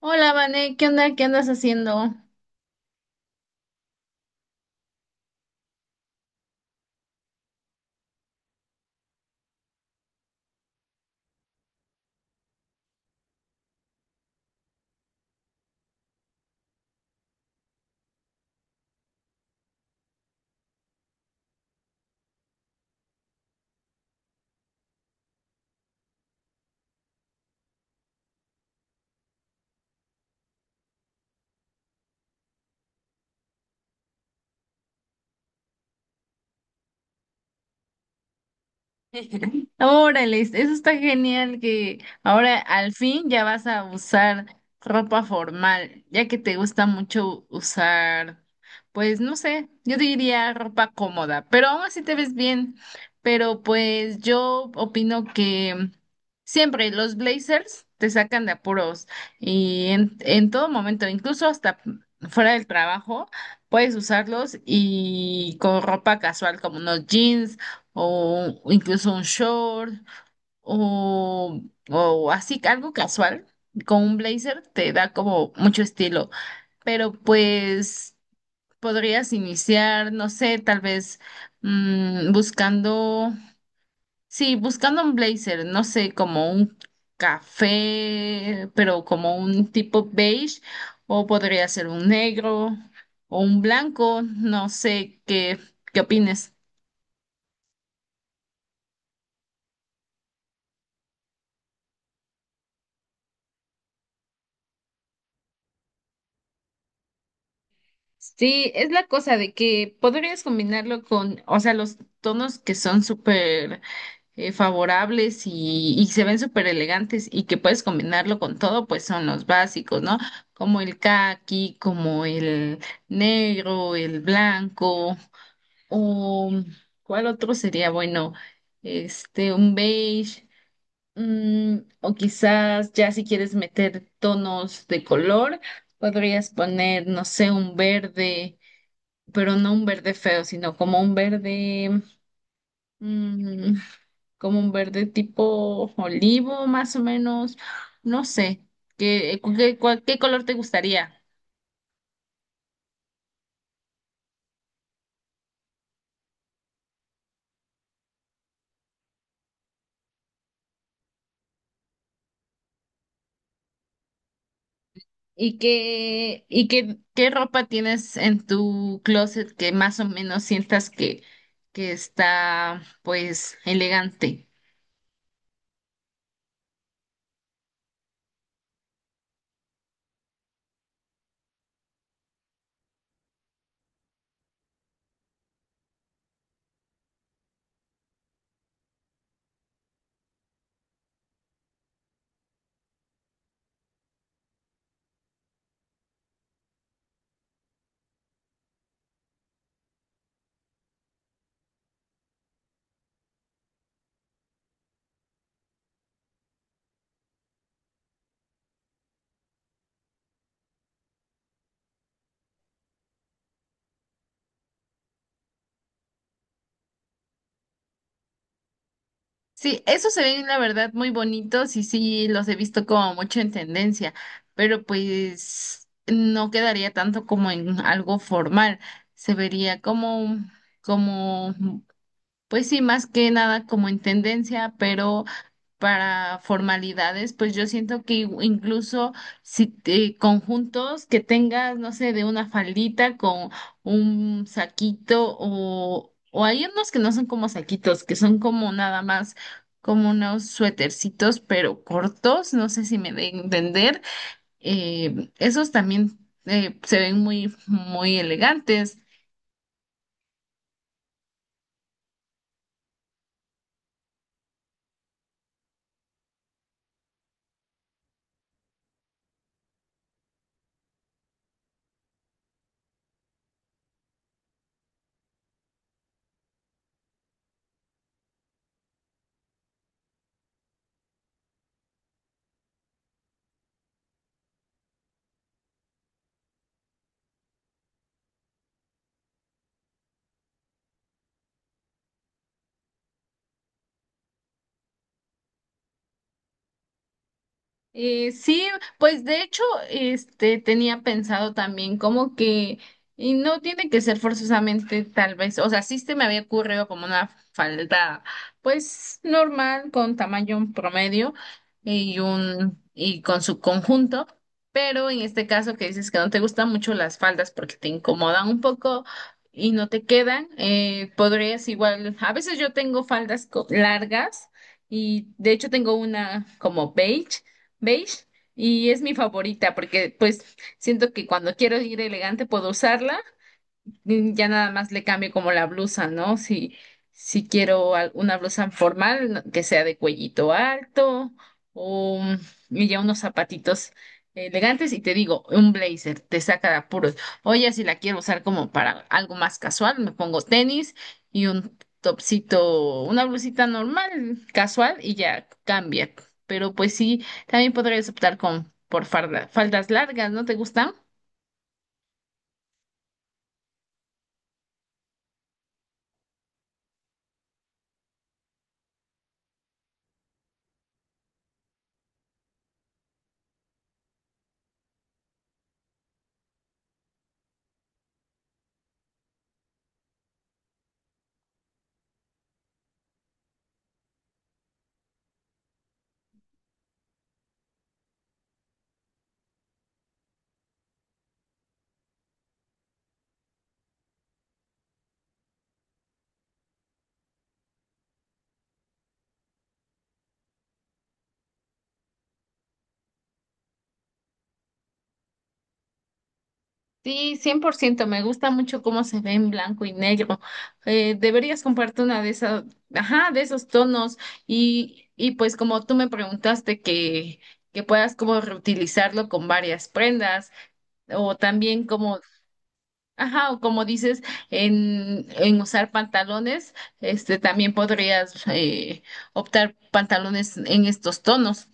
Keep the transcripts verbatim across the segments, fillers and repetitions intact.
Hola, Vané, ¿qué onda? ¿Qué andas haciendo? Órale, eso está genial que ahora al fin ya vas a usar ropa formal, ya que te gusta mucho usar, pues no sé, yo diría ropa cómoda, pero aún así te ves bien. Pero pues yo opino que siempre los blazers te sacan de apuros y en, en todo momento, incluso hasta fuera del trabajo, puedes usarlos y con ropa casual como unos jeans o incluso un short o, o así algo casual con un blazer te da como mucho estilo, pero pues podrías iniciar, no sé, tal vez mm, buscando, sí, buscando un blazer, no sé, como un café, pero como un tipo beige o podría ser un negro o un blanco, no sé qué, qué opines. Sí, es la cosa de que podrías combinarlo con, o sea, los tonos que son súper eh, favorables y, y se ven súper elegantes y que puedes combinarlo con todo, pues son los básicos, ¿no? Como el caqui, como el negro, el blanco, o ¿cuál otro sería? Bueno, este, un beige, mm, o quizás ya si quieres meter tonos de color, podrías poner, no sé, un verde pero no un verde feo, sino como un verde, mm, como un verde tipo olivo, más o menos, no sé, ¿qué, qué, cuál- qué color te gustaría? ¿Y qué, y qué, qué ropa tienes en tu closet que más o menos sientas que, que está, pues, elegante? Sí, esos se ven la verdad muy bonitos y sí los he visto como mucho en tendencia, pero pues no quedaría tanto como en algo formal, se vería como, como pues sí, más que nada como en tendencia, pero para formalidades, pues yo siento que i- incluso si te- conjuntos que tengas, no sé, de una faldita con un saquito o, o hay unos que no son como saquitos, que son como nada más como unos suétercitos, pero cortos, no sé si me de entender, eh, esos también eh, se ven muy, muy elegantes. Eh, sí, pues de hecho, este tenía pensado también como que, y no tiene que ser forzosamente tal vez, o sea, sí se me había ocurrido como una falda, pues normal, con tamaño promedio y un, y con su conjunto, pero en este caso que dices que no te gustan mucho las faldas porque te incomodan un poco y no te quedan, eh, podrías igual, a veces yo tengo faldas co- largas. Y de hecho tengo una como beige beige y es mi favorita porque pues siento que cuando quiero ir elegante puedo usarla mm, ya nada más le cambio como la blusa, ¿no? Si, si quiero al- una blusa formal no- que sea de cuellito alto o mm, y ya unos zapatitos elegantes y te digo, un blazer, te saca de apuros. O ya si la quiero usar como para algo más casual, me pongo tenis y un topsito, una blusita normal, casual y ya cambia. Pero pues sí, también podrías optar con por farda- faldas largas, ¿no te gustan? Sí, cien por ciento. me gusta mucho cómo se ve en blanco y negro. Eh, deberías comprarte una de esas, ajá, de esos tonos y, y pues como tú me preguntaste que, que, puedas como reutilizarlo con varias prendas o también como, ajá, o como dices en, en usar pantalones, este también podrías eh, optar pantalones en estos tonos.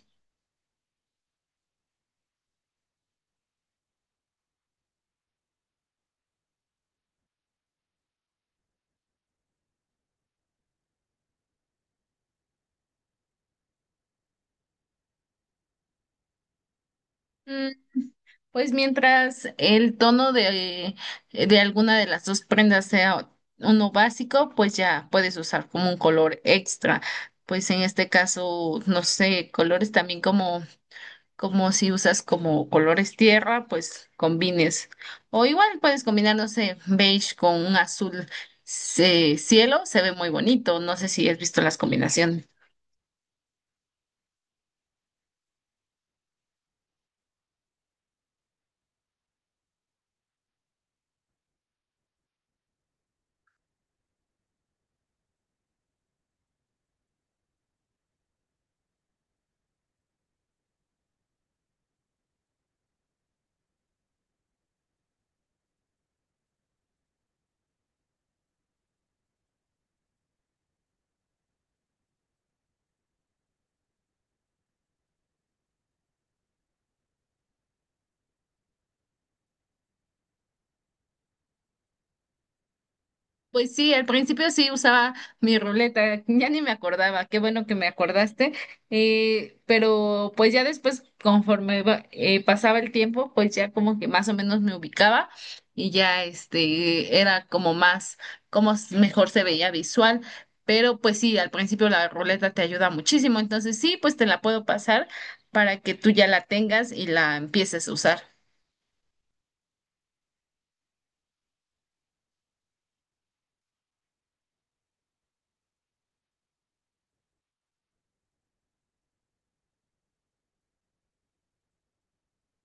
Pues mientras el tono de, de alguna de las dos prendas sea uno básico, pues ya puedes usar como un color extra. Pues en este caso, no sé, colores también como, como si usas como colores tierra, pues combines. O igual puedes combinar, no sé, beige con un azul eh, cielo, se ve muy bonito. No sé si has visto las combinaciones. Pues sí, al principio sí usaba mi ruleta, ya ni me acordaba, qué bueno que me acordaste, eh, pero pues ya después, conforme va- eh, pasaba el tiempo, pues ya como que más o menos me ubicaba y ya este era como más, como s- mejor se veía visual, pero pues sí, al principio la ruleta te ayuda muchísimo, entonces sí, pues te la puedo pasar para que tú ya la tengas y la empieces a usar.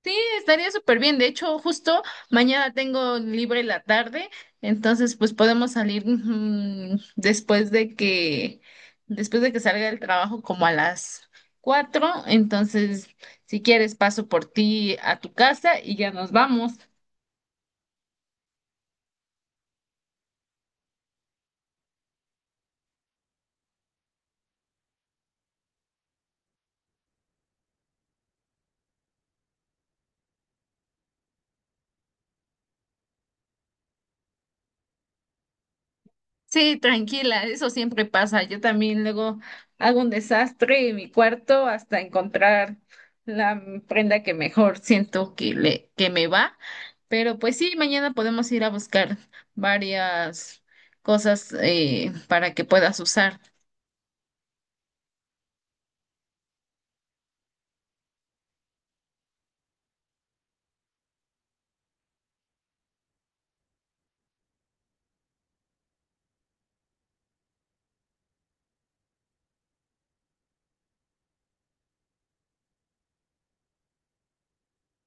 Sí, estaría súper bien. De hecho, justo mañana tengo libre la tarde, entonces pues podemos salir mm, después de que después de que salga del trabajo como a las cuatro. Entonces, si quieres, paso por ti a tu casa y ya nos vamos. Sí, tranquila, eso siempre pasa. Yo también luego hago un desastre en mi cuarto hasta encontrar la prenda que mejor siento que le que me va. Pero pues sí, mañana podemos ir a buscar varias cosas eh, para que puedas usar.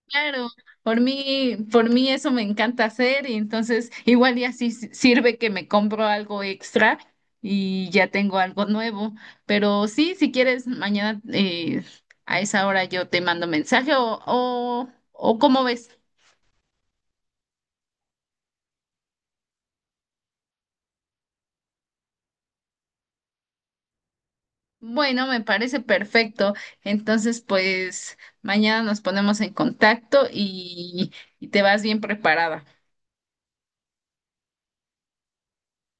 Claro, por mí, por mí eso me encanta hacer y entonces igual y así si- sirve que me compro algo extra y ya tengo algo nuevo. Pero sí, si quieres, mañana eh, a esa hora yo te mando mensaje o, o, o ¿cómo ves? Bueno, me parece perfecto. Entonces, pues mañana nos ponemos en contacto y, y te vas bien preparada.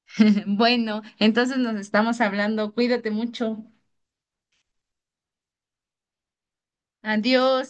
Bueno, entonces nos estamos hablando. Cuídate mucho. Adiós.